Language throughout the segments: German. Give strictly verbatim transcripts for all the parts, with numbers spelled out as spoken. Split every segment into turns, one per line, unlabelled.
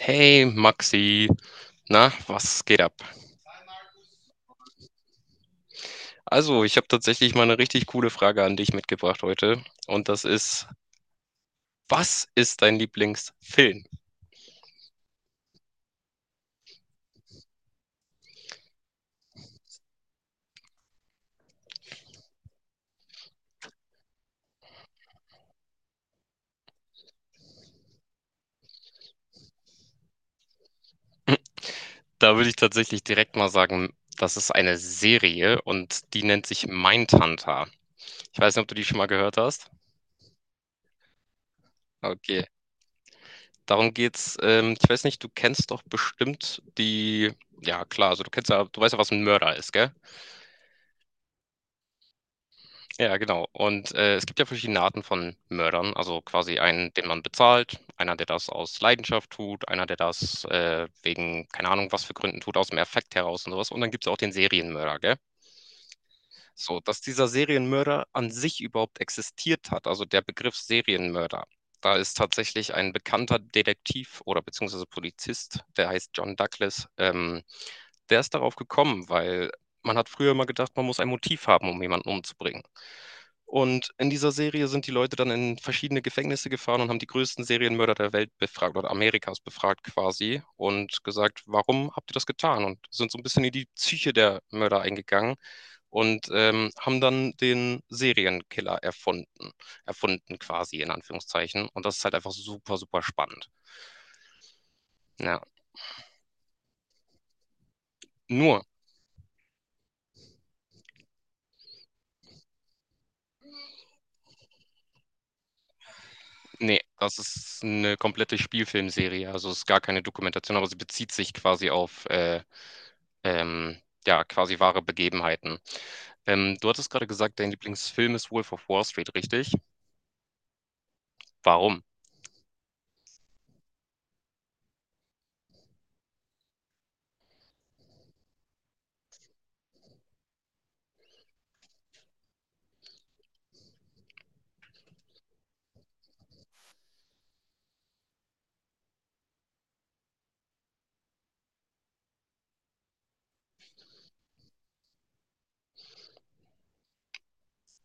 Hey Maxi, na, was geht ab? Also, ich habe tatsächlich mal eine richtig coole Frage an dich mitgebracht heute. Und das ist, was ist dein Lieblingsfilm? Da würde ich tatsächlich direkt mal sagen, das ist eine Serie und die nennt sich Mindhunter. Ich weiß nicht, ob du die schon mal gehört hast. Okay, darum geht's. Ähm, ich weiß nicht, du kennst doch bestimmt die, ja klar, also du kennst ja, du weißt ja, was ein Mörder ist, gell? Ja, genau. Und äh, es gibt ja verschiedene Arten von Mördern. Also quasi einen, den man bezahlt, einer, der das aus Leidenschaft tut, einer, der das äh, wegen, keine Ahnung, was für Gründen tut, aus dem Affekt heraus und sowas. Und dann gibt es auch den Serienmörder, gell? So, dass dieser Serienmörder an sich überhaupt existiert hat, also der Begriff Serienmörder. Da ist tatsächlich ein bekannter Detektiv oder beziehungsweise Polizist, der heißt John Douglas, ähm, der ist darauf gekommen, weil man hat früher immer gedacht, man muss ein Motiv haben, um jemanden umzubringen. Und in dieser Serie sind die Leute dann in verschiedene Gefängnisse gefahren und haben die größten Serienmörder der Welt befragt oder Amerikas befragt quasi und gesagt, warum habt ihr das getan? Und sind so ein bisschen in die Psyche der Mörder eingegangen und ähm, haben dann den Serienkiller erfunden. Erfunden quasi in Anführungszeichen. Und das ist halt einfach super, super spannend. Ja. Nur, nee, das ist eine komplette Spielfilmserie. Also es ist gar keine Dokumentation, aber sie bezieht sich quasi auf äh, ähm, ja, quasi wahre Begebenheiten. Ähm, du hattest gerade gesagt, dein Lieblingsfilm ist Wolf of Wall Street, richtig? Warum?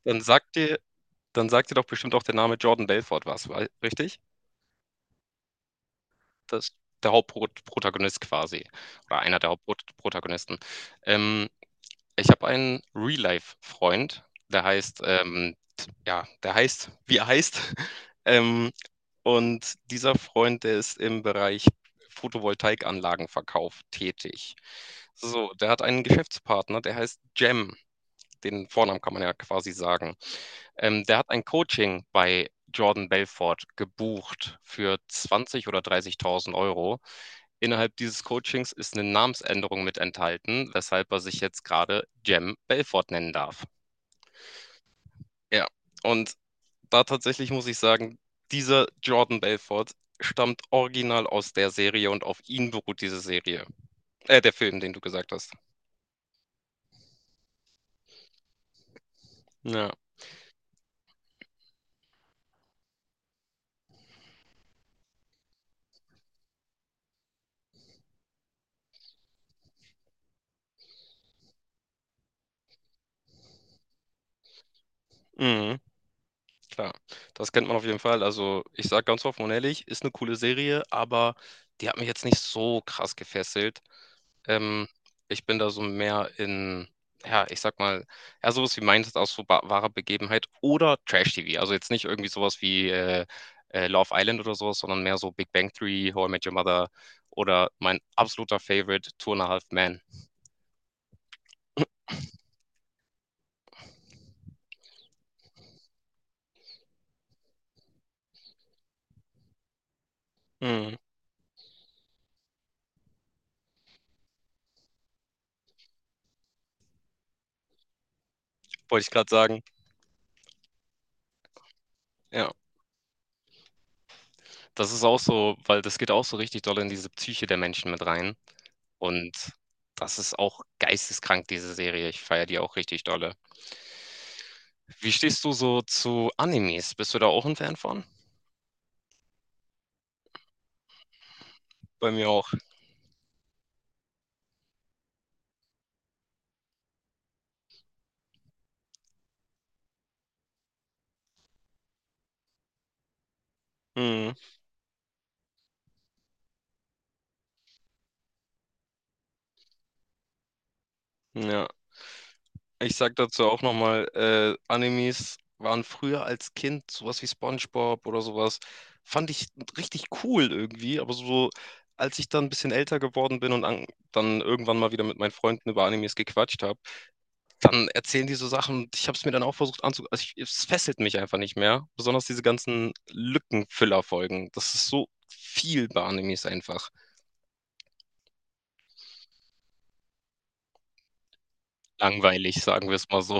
Dann sagt dir, dann sagt dir doch bestimmt auch der Name Jordan Belfort was, weil- richtig? Das ist der Hauptprotagonist quasi. Oder einer der Hauptprotagonisten. Ähm, Ich habe einen Real-Life-Freund, der heißt, ähm, ja, der heißt, wie er heißt. Ähm, und dieser Freund, der ist im Bereich Photovoltaikanlagenverkauf tätig. So, der hat einen Geschäftspartner, der heißt Jem. Den Vornamen kann man ja quasi sagen. Ähm, der hat ein Coaching bei Jordan Belfort gebucht für zwanzig oder dreißigtausend Euro. Innerhalb dieses Coachings ist eine Namensänderung mit enthalten, weshalb er sich jetzt gerade Jem Belfort nennen darf. Ja, und da tatsächlich muss ich sagen, dieser Jordan Belfort stammt original aus der Serie und auf ihn beruht diese Serie. Äh, der Film, den du gesagt hast. Ja. Mhm, klar, das kennt man auf jeden Fall. Also, ich sage ganz offen und ehrlich, ist eine coole Serie, aber die hat mich jetzt nicht so krass gefesselt. Ähm, Ich bin da so mehr in, ja, ich sag mal, ja, sowas wie meintest aus so ba- wahrer Begebenheit oder Trash-T V. Also jetzt nicht irgendwie sowas wie äh, äh, Love Island oder sowas, sondern mehr so Big Bang Theory, How I Met Your Mother oder mein absoluter Favorite, Two and a Half Men. Mhm. Wollte ich gerade sagen. Ja, das ist auch so, weil das geht auch so richtig doll in diese Psyche der Menschen mit rein. Und das ist auch geisteskrank, diese Serie. Ich feiere die auch richtig dolle. Wie stehst du so zu Animes? Bist du da auch ein Fan von? Bei mir auch. Hm, ja, ich sag dazu auch nochmal, äh, Animes waren früher als Kind sowas wie SpongeBob oder sowas, fand ich richtig cool irgendwie, aber so so, als ich dann ein bisschen älter geworden bin und an, dann irgendwann mal wieder mit meinen Freunden über Animes gequatscht habe, dann erzählen die so Sachen. Ich habe es mir dann auch versucht anzugucken. Also ich, es fesselt mich einfach nicht mehr. Besonders diese ganzen Lückenfüller-Folgen. Das ist so viel bei Animes einfach. Langweilig, sagen wir es mal so.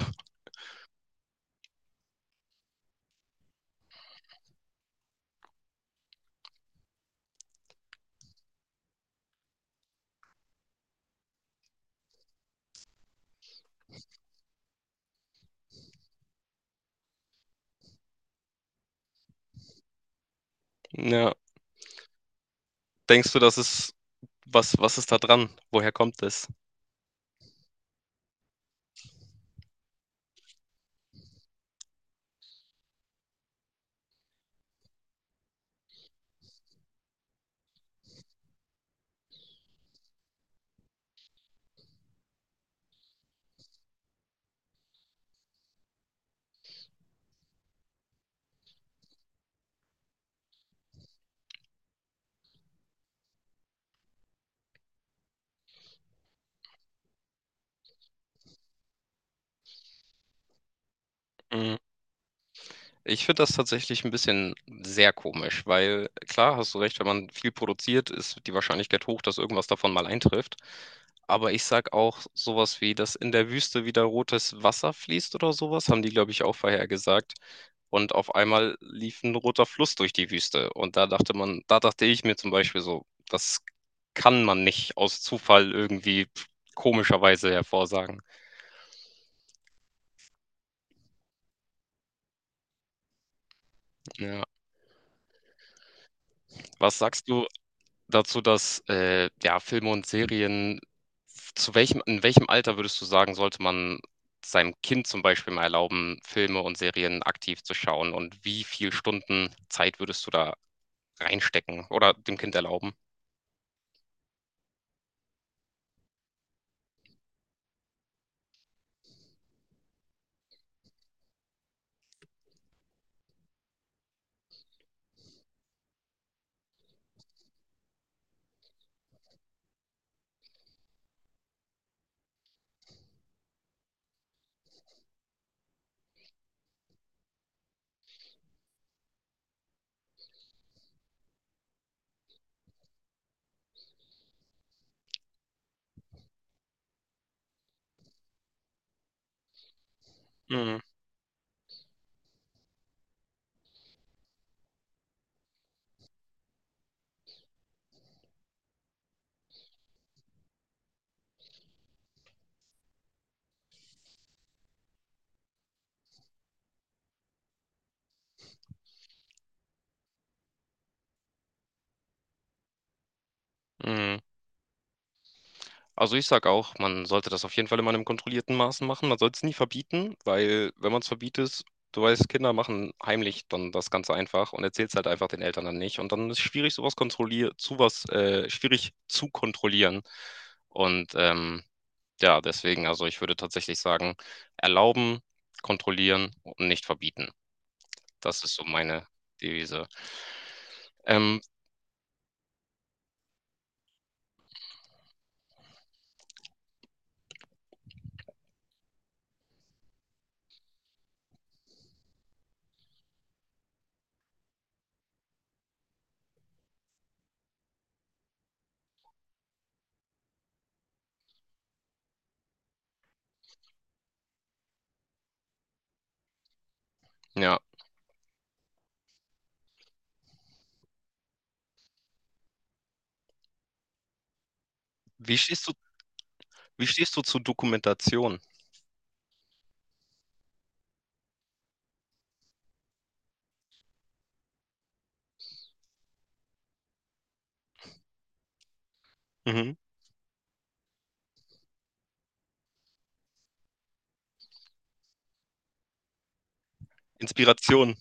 Ja. Denkst du, das ist, was, was ist da dran? Woher kommt das? Mm. Ich finde das tatsächlich ein bisschen sehr komisch, weil klar, hast du recht, wenn man viel produziert, ist die Wahrscheinlichkeit hoch, dass irgendwas davon mal eintrifft. Aber ich sag auch sowas wie, dass in der Wüste wieder rotes Wasser fließt oder sowas, haben die, glaube ich, auch vorhergesagt. Und auf einmal lief ein roter Fluss durch die Wüste. Und da dachte man, da dachte ich mir zum Beispiel so, das kann man nicht aus Zufall irgendwie komischerweise hervorsagen. Ja. Was sagst du dazu, dass äh, ja, Filme und Serien, zu welchem, in welchem Alter würdest du sagen, sollte man seinem Kind zum Beispiel mal erlauben, Filme und Serien aktiv zu schauen? Und wie viel Stunden Zeit würdest du da reinstecken oder dem Kind erlauben? Mhm. Mhm. Also ich sag auch, man sollte das auf jeden Fall immer in einem kontrollierten Maßen machen. Man sollte es nie verbieten, weil wenn man es verbietet, du weißt, Kinder machen heimlich dann das Ganze einfach und erzählen es halt einfach den Eltern dann nicht. Und dann ist es schwierig, sowas kontrollier zu was, äh, schwierig zu kontrollieren. Und ähm, ja, deswegen, also ich würde tatsächlich sagen, erlauben, kontrollieren und nicht verbieten. Das ist so meine Devise. Ähm, ja, wie stehst du, wie stehst du zu Dokumentation? Mhm. Inspiration.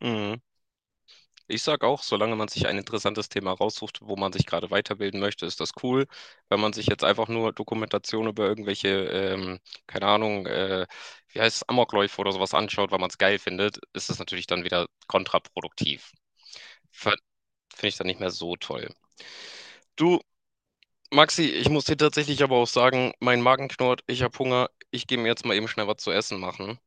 Mhm. Ich sag auch, solange man sich ein interessantes Thema raussucht, wo man sich gerade weiterbilden möchte, ist das cool. Wenn man sich jetzt einfach nur Dokumentation über irgendwelche, ähm, keine Ahnung, äh, wie heißt es, Amokläufe oder sowas anschaut, weil man es geil findet, ist das natürlich dann wieder kontraproduktiv. Ver- Finde ich dann nicht mehr so toll. Du, Maxi, ich muss dir tatsächlich aber auch sagen, mein Magen knurrt, ich habe Hunger, ich gehe mir jetzt mal eben schnell was zu essen machen.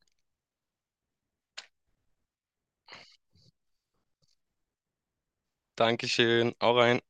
Dankeschön, auch rein.